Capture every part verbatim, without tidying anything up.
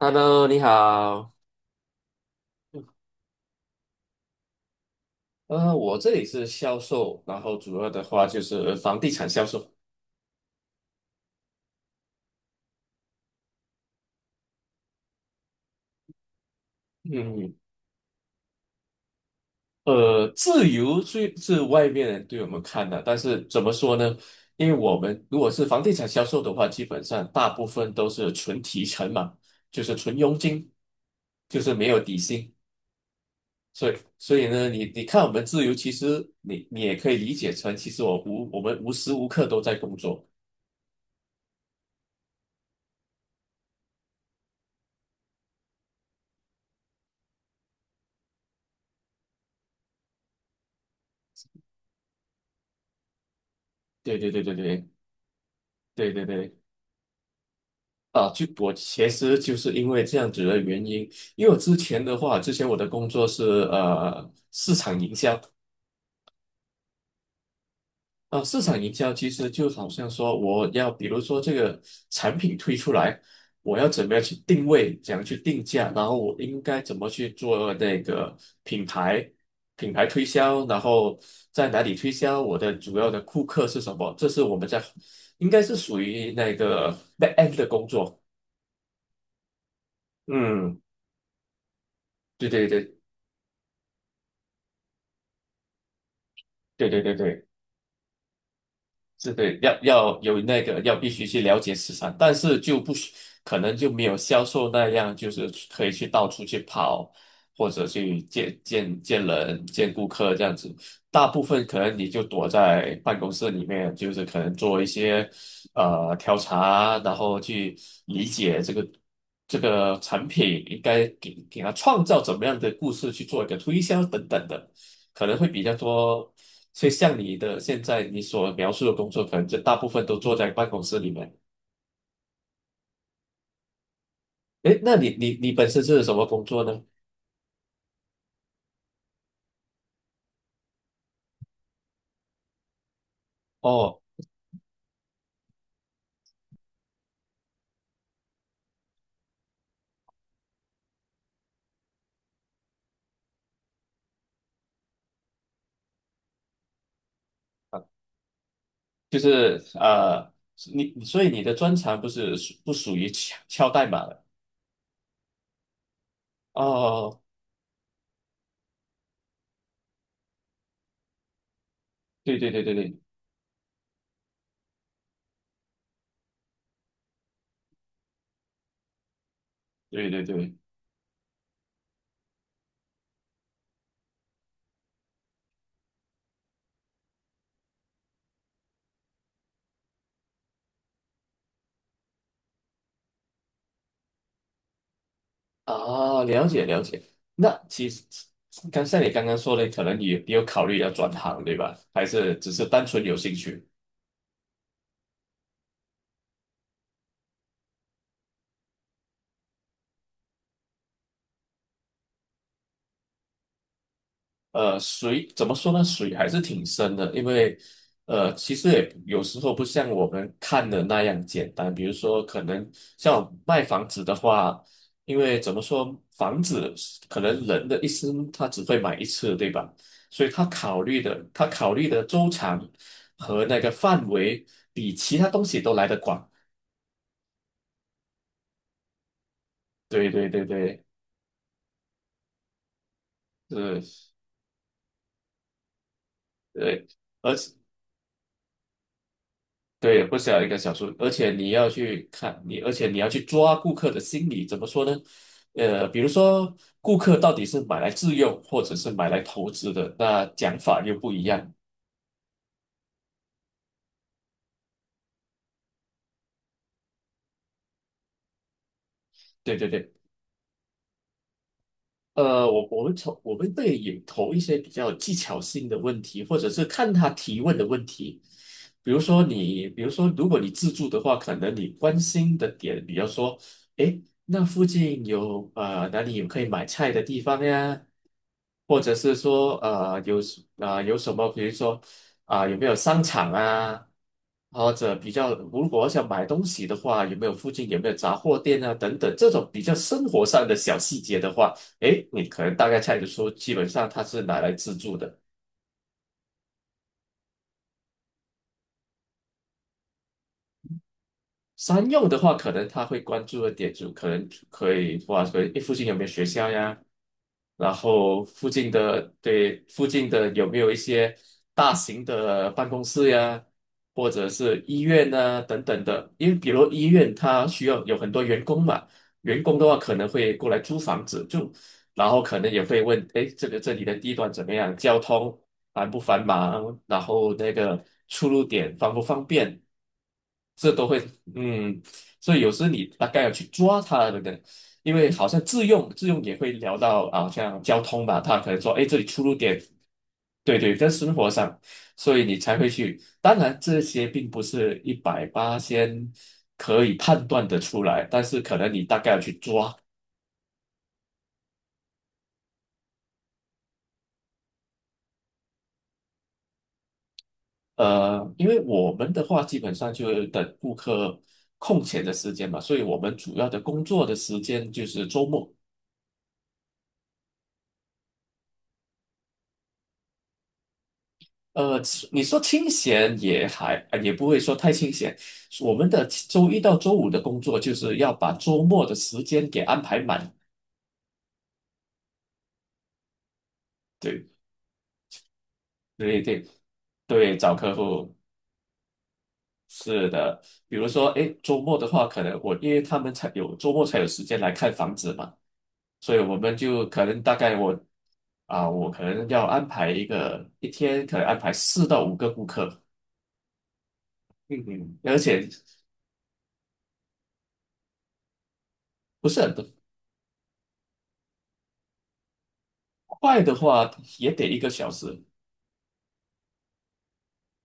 Hello，你好。呃，我这里是销售，然后主要的话就是房地产销售。嗯，呃，自由虽是外面人对我们看的，但是怎么说呢？因为我们如果是房地产销售的话，基本上大部分都是纯提成嘛，就是纯佣金，就是没有底薪。所以，所以呢，你你看我们自由，其实你你也可以理解成，其实我无我们无时无刻都在工作。对对对对对对对对对。啊，就我其实就是因为这样子的原因，因为我之前的话，之前我的工作是呃市场营销。啊、市场营销其实就好像说我要比如说这个产品推出来，我要怎么样去定位，怎样去定价，然后我应该怎么去做那个品牌品牌推销，然后在哪里推销，我的主要的顾客是什么，这是我们在应该是属于那个 back end 的工作。嗯，对对对对对对对。是对，要要有那个要必须去了解市场，但是就不需可能就没有销售那样，就是可以去到处去跑，或者去见见见人、见顾客这样子。大部分可能你就躲在办公室里面，就是可能做一些呃调查啊，然后去理解这个这个产品应该给给他创造怎么样的故事去做一个推销等等的，可能会比较多。所以像你的现在你所描述的工作，可能就大部分都坐在办公室里面。诶，那你你你本身是什么工作呢？哦，就是呃，你所以你的专长不是不属于敲敲代码的。哦，对对对对对对对对，啊，了解了解。那其实刚像你刚刚说的，可能你你有考虑要转行，对吧？还是只是单纯有兴趣？呃，水怎么说呢？水还是挺深的，因为呃，其实也有时候不像我们看的那样简单。比如说，可能像卖房子的话，因为怎么说，房子可能人的一生他只会买一次，对吧？所以他考虑的，他考虑的周长和那个范围比其他东西都来得广。对对对对，是，对。而且。对，不是要一个小数，而且你要去看你，而且你要去抓顾客的心理，怎么说呢？呃，比如说顾客到底是买来自用，或者是买来投资的，那讲法又不一样。对对对，呃，我我们从，我们会也投一些比较技巧性的问题，或者是看他提问的问题。比如说你，比如说如果你自助的话，可能你关心的点，比如说，诶，那附近有呃哪里有可以买菜的地方呀？或者是说呃有什啊、有什么，比如说啊、有没有商场啊？或者比较，如果我想买东西的话，有没有附近有没有杂货店啊？等等，这种比较生活上的小细节的话。诶，你可能大概猜得出，基本上它是拿来自助的。商用的话，可能他会关注的点就可能可以哇，可能诶附近有没有学校呀？然后附近的对附近的有没有一些大型的办公室呀，或者是医院呐、等等的？因为比如医院它需要有很多员工嘛，员工的话可能会过来租房子住，然后可能也会问，哎，这个这里的地段怎么样？交通繁不繁忙？然后那个出入点方不方便？这都会嗯，所以有时你大概要去抓它的，对不对？因为好像自用自用也会聊到啊，像交通吧，他可能说，哎，这里出入点，对对，在生活上，所以你才会去。当然，这些并不是一百八先可以判断的出来，但是可能你大概要去抓。呃，因为我们的话基本上就是等顾客空闲的时间嘛，所以我们主要的工作的时间就是周末。呃，你说清闲也还，呃也不会说太清闲。我们的周一到周五的工作就是要把周末的时间给安排满。对，对对对，找客户是的。比如说，哎，周末的话，可能我因为他们才有周末才有时间来看房子嘛，所以我们就可能大概我啊，我可能要安排一个一天可能安排四到五个顾客。嗯嗯，而且不是很多快的话也得一个小时。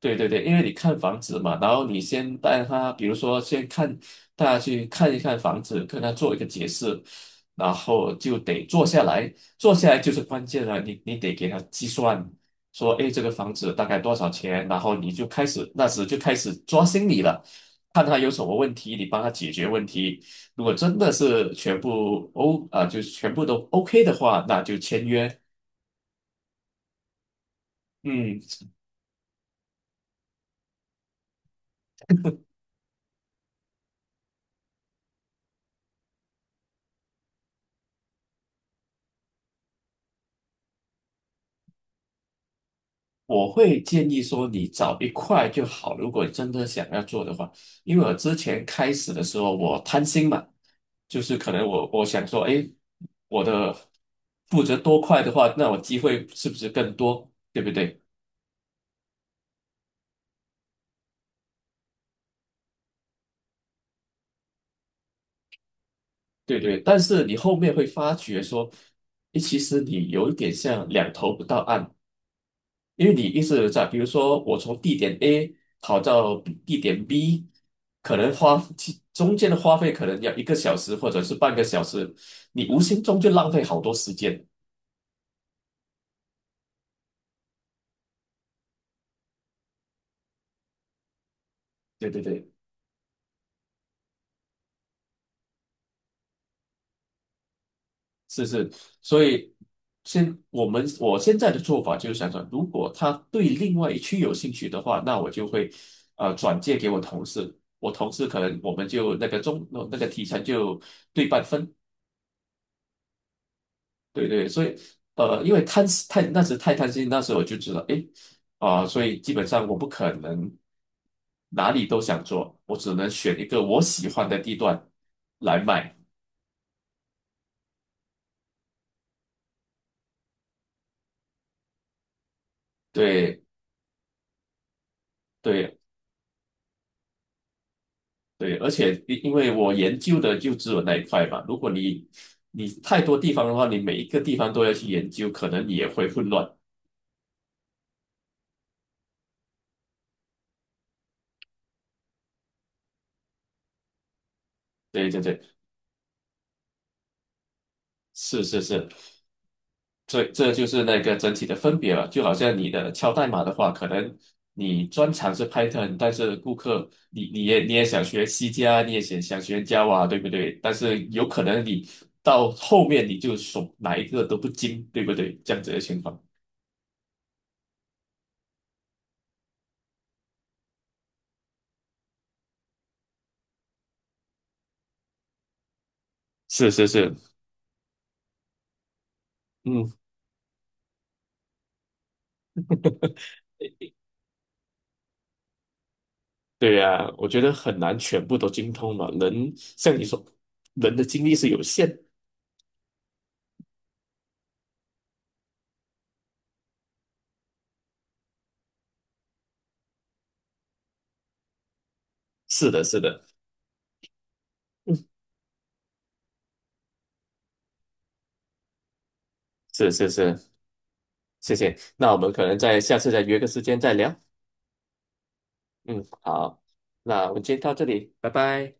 对对对，因为你看房子嘛，然后你先带他，比如说先看带他去看一看房子，跟他做一个解释，然后就得坐下来，坐下来就是关键了，你你得给他计算，说，哎，这个房子大概多少钱，然后你就开始那时就开始抓心理了，看他有什么问题，你帮他解决问题。如果真的是全部 O 啊、就是全部都 OK 的话，那就签约。嗯。我会建议说，你找一块就好。如果真的想要做的话，因为我之前开始的时候，我贪心嘛，就是可能我我想说，哎，我的负责多块的话，那我机会是不是更多？对不对？对对。但是你后面会发觉说，哎，其实你有一点像两头不到岸。因为你一直在，比如说我从地点 A 跑到地点 B,可能花其中间的花费可能要一个小时或者是半个小时，你无形中就浪费好多时间。对对对，是是，所以现我们我现在的做法就是想想，如果他对另外一区有兴趣的话，那我就会呃转借给我同事，我同事可能我们就那个中那个提成就对半分。对对，所以呃，因为贪太那时太贪心，那时候我就知道，诶，啊、所以基本上我不可能哪里都想做，我只能选一个我喜欢的地段来卖。对对对，而且因因为我研究的就只有那一块嘛，如果你你太多地方的话，你每一个地方都要去研究，可能也会混乱。对对对，是是是，这这就是那个整体的分别了。就好像你的敲代码的话，可能你专长是 Python,但是顾客你你也你也想学 C 加，你也想想学 Java,对不对？但是有可能你到后面你就手哪一个都不精，对不对？这样子的情况。是是是，嗯，对呀，我觉得很难全部都精通嘛。人像你说，人的精力是有限。是的，是的，是是是，谢谢。那我们可能在下次再约个时间再聊。嗯，好，那我们今天到这里，拜拜。